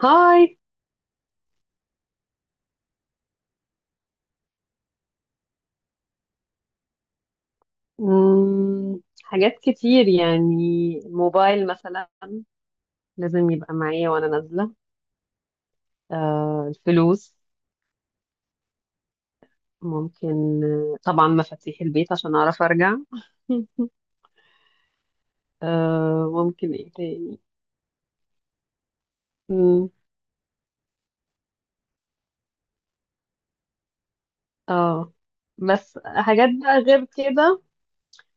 هاي. مم. حاجات كتير يعني. موبايل مثلا لازم يبقى معايا وانا نازلة. آه الفلوس ممكن، طبعا مفاتيح البيت عشان اعرف ارجع. آه ممكن، ايه تاني؟ مم. اه. بس حاجات بقى غير كده.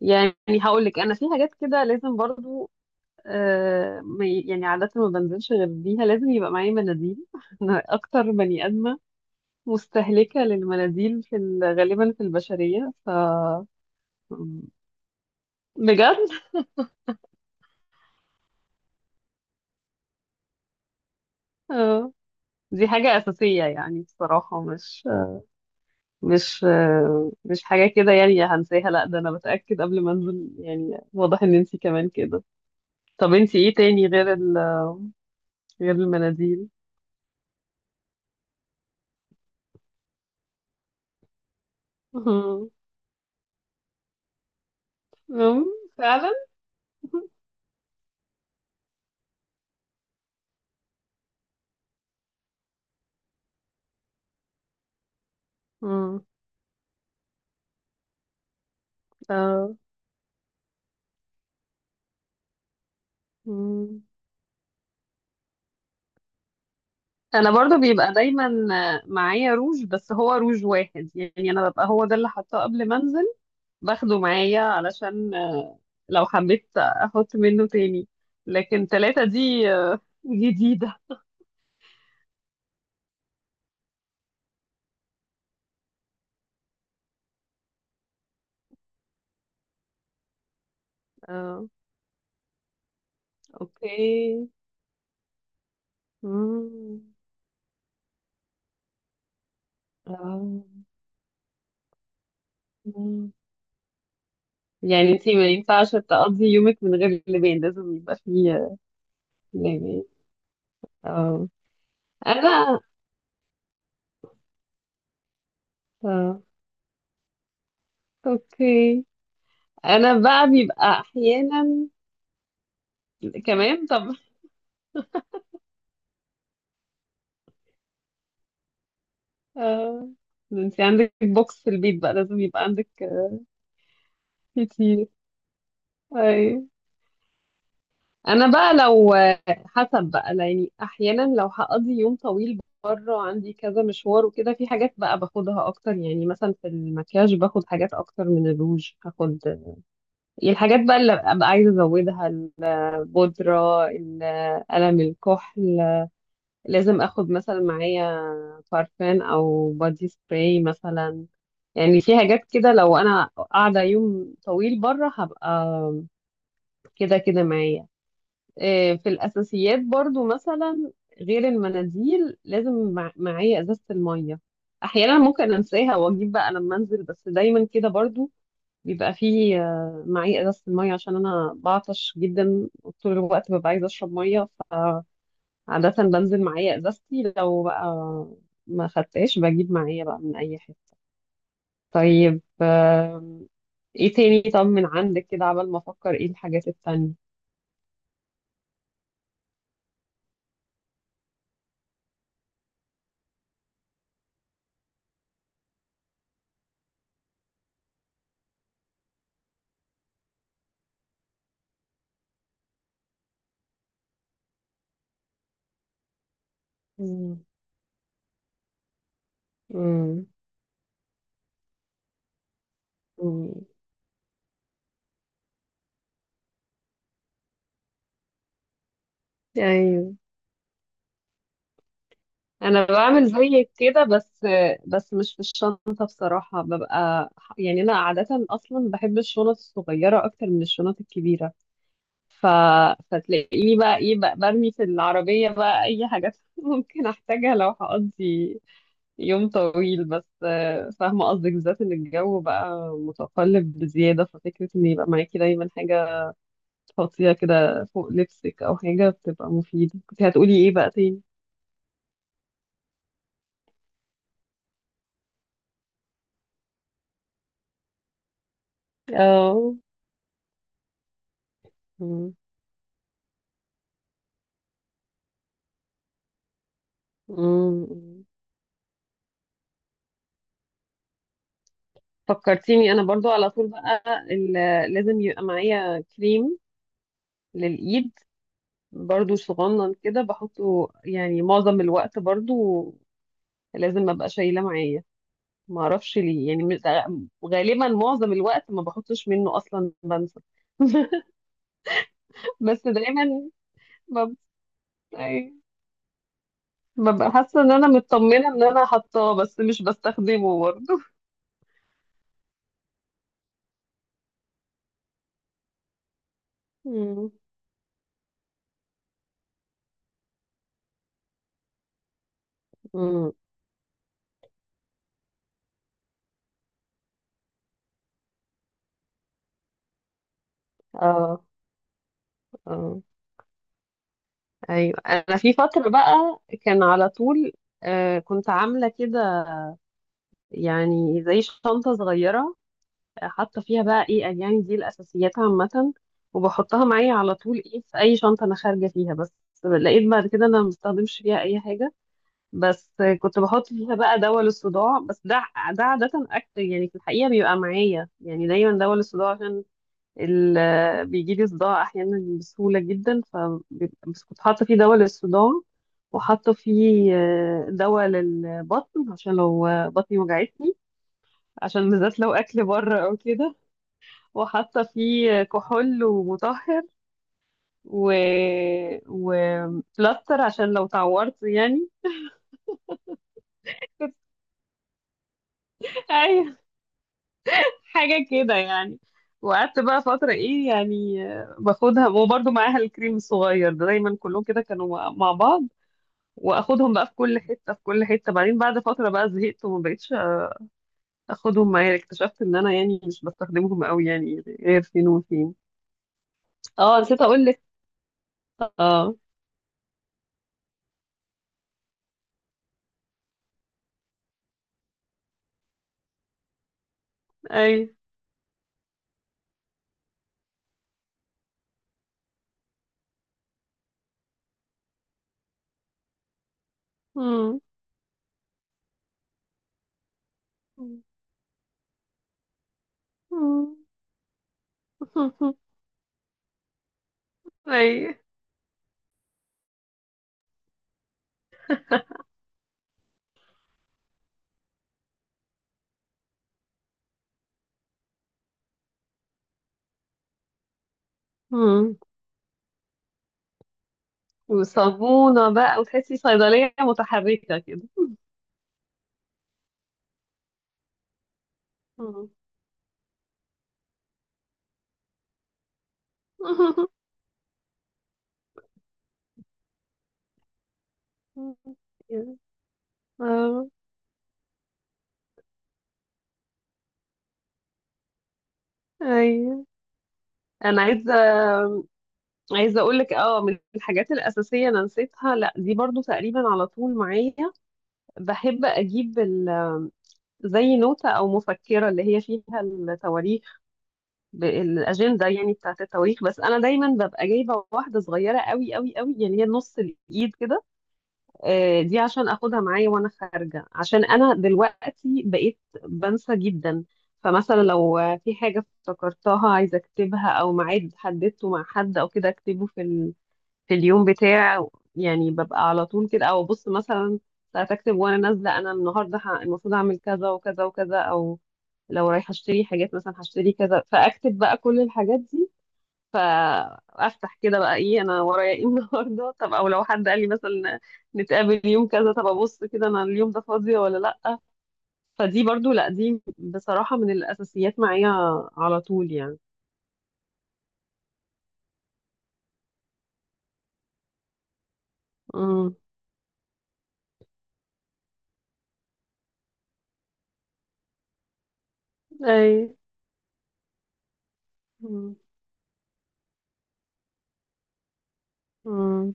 يعني هقول لك انا في حاجات كده لازم برضو. يعني عادة ما بنزلش غير بيها، لازم يبقى معايا مناديل. انا اكتر بني ادمة مستهلكة للمناديل في غالبا في البشرية ف. بجد. آه، دي حاجة أساسية يعني، بصراحة مش حاجة كده يعني هنساها، لا، ده أنا بتأكد قبل ما أنزل. يعني واضح إن أنتي كمان كده. طب أنتي إيه تاني غير غير المناديل؟ مم. مم. فعلا. مم. آه. مم. انا برضو بيبقى دايما معايا روج، بس هو روج واحد، يعني انا ببقى هو ده اللي حاطاه قبل ما انزل، باخده معايا علشان لو حبيت احط منه تاني. لكن تلاتة دي جديدة. اه، اوكي. مم. آه. مم. يعني انتي ما ينفعش تقضي يومك من غير لبان، لازم يبقى فيه لبان. اه. انا. اه، اوكي. انا بقى بيبقى احيانا. كمان، طب، اه، انتي عندك بوكس في البيت بقى، لازم يبقى عندك كتير. اي. انا بقى لو، حسب بقى يعني، احيانا لو هقضي يوم طويل بره، عندي كذا مشوار وكده، في حاجات بقى باخدها اكتر. يعني مثلا في المكياج باخد حاجات اكتر، من الروج هاخد يعني الحاجات بقى اللي ابقى عايزه ازودها، البودره، قلم الكحل. لازم اخد مثلا معايا بارفان او بادي سبراي مثلا. يعني في حاجات كده، لو انا قاعده يوم طويل بره هبقى كده كده معايا. في الأساسيات برضو مثلا غير المناديل، لازم معايا إزازة المية. أحيانا ممكن أنساها وأجيب بقى لما أنزل، بس دايما كده برضو بيبقى فيه، معايا إزازة المية عشان أنا بعطش جدا طول الوقت، ببقى عايزة أشرب مية، فعادة بنزل معايا إزازتي. لو بقى ما خدتهاش بجيب معايا بقى من أي حتة. طيب، إيه تاني؟ طب من عندك كده عبال ما أفكر إيه الحاجات التانية. مم. مم. مم. أيوه. انا بعمل زيك كده، بس مش في الشنطه بصراحه. ببقى يعني، انا عاده اصلا بحب الشنط الصغيره اكتر من الشنط الكبيره، ف... فتلاقيني بقى ايه بقى برمي في العربيه بقى اي حاجات ممكن احتاجها لو هقضي يوم طويل. بس فاهمه قصدك، بالذات ان الجو بقى متقلب بزياده، ففكره ان يبقى معاكي دايما حاجه تحطيها كده فوق لبسك او حاجه بتبقى مفيده. كنت هتقولي ايه بقى تاني؟ اه. مم. مم. فكرتيني، انا برضو على طول بقى ال- لازم يبقى معايا كريم للايد، برضو صغنن كده بحطه يعني معظم الوقت، برضو لازم ابقى شايله معايا. ما اعرفش ليه يعني غالبا معظم الوقت ما بحطش منه اصلا، بنسى. بس دايما بب- أي- ببقى حاسه ان انا مطمنه ان انا حاطاه، بس مش بستخدمه برضو. مم. مم. اه، اه، ايوه. انا في فتره بقى كان على طول، كنت عامله كده، يعني زي شنطه صغيره، حاطه فيها بقى ايه يعني دي الاساسيات عامه، وبحطها معايا على طول، ايه، في اي شنطه انا خارجه فيها. بس لقيت بعد كده انا ما بستخدمش فيها اي حاجه. بس كنت بحط فيها بقى دواء للصداع بس. ده ده عاده اكتر يعني، في الحقيقه بيبقى معايا يعني دايما دواء للصداع، عشان بيجي لي صداع احيانا بسهوله جدا، بس كنت حاطه فيه دواء للصداع، وحاطه فيه دواء للبطن عشان لو بطني وجعتني، عشان بالذات لو اكل بره او كده. وحاطه فيه كحول ومطهر و وبلاستر عشان لو تعورت يعني. ايوه، حاجه كده يعني. وقعدت بقى فترة، ايه يعني، باخدها، وبرضه معاها الكريم الصغير ده دايما، كلهم كده كانوا مع بعض، واخدهم بقى في كل حته، في كل حته. بعدين بعد فتره بقى زهقت وما بقتش اخدهم معايا، اكتشفت ان انا يعني مش بستخدمهم قوي، يعني غير فين وفين. اه، نسيت اقول لك. اه. اي. مم. مم. اي. مم. وصابونه بقى، وتحسي صيدليه متحركه كده. مم. اه، ايوه. انا عايزه اقول لك، اه، من الحاجات الاساسيه انا نسيتها، لا دي برضو تقريبا على طول معايا. بحب اجيب زي نوتة او مفكرة اللي هي فيها التواريخ، الاجندة يعني بتاعت التواريخ، بس انا دايما ببقى جايبة واحدة صغيرة قوي قوي قوي، يعني هي نص الايد كده. دي عشان اخدها معايا وانا خارجة، عشان انا دلوقتي بقيت بنسى جدا. فمثلا لو في حاجة افتكرتها عايزة اكتبها، او ميعاد حددته مع حد او كده، اكتبه في اليوم بتاع. يعني ببقى على طول كده، او ابص مثلا، ساعات اكتب وانا نازله، انا النهارده المفروض اعمل كذا وكذا وكذا، او لو رايحه اشتري حاجات مثلا هشتري كذا، فاكتب بقى كل الحاجات دي. فافتح كده بقى ايه انا ورايا ايه النهارده. طب او لو حد قال لي مثلا نتقابل يوم كذا، طب ابص كده انا اليوم ده فاضيه ولا لا. فدي برضو، لا دي بصراحه من الاساسيات معايا على طول يعني. امم. اي. امم.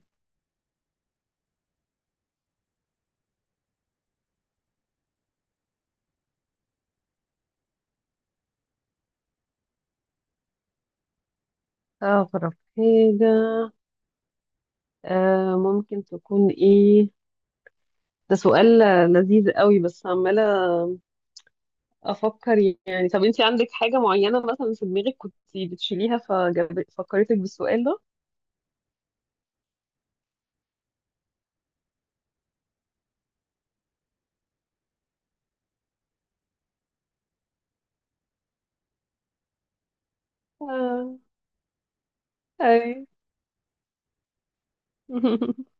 طب، حاجه، ممكن تكون ايه؟ ده سؤال لذيذ قوي، بس عمالة افكر. يعني طب انتي عندك حاجة معينة مثلا في دماغك كنت بتشيليها ففكرتك بالسؤال ده؟ آه. اي.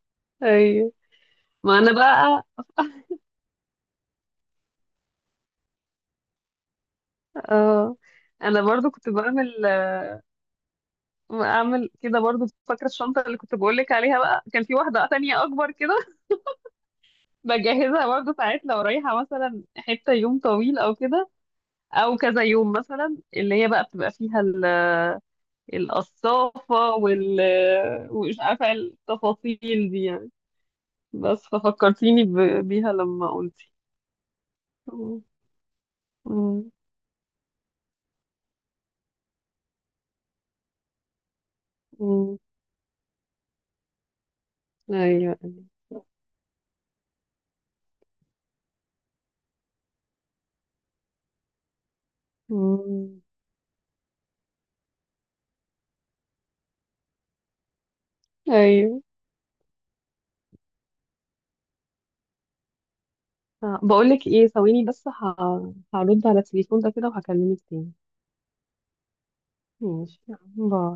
اي. ما انا بقى. آه انا برضو كنت بعمل اعمل كده برضو، فاكرة الشنطة اللي كنت بقولك عليها بقى، كان في واحدة تانية اكبر كده بجهزها برضو ساعات لو رايحة مثلا حتة يوم طويل او كده، او كذا يوم مثلا، اللي هي بقى بتبقى فيها القصافة ومش عارفة إيه التفاصيل دي يعني. بس ففكرتيني بيها لما قلتي. مم. مم. مم. أيوة. مم. أيوة. بقولك ايه، ثواني بس هرد على التليفون ده كده وهكلمك تاني. ماشي. باي.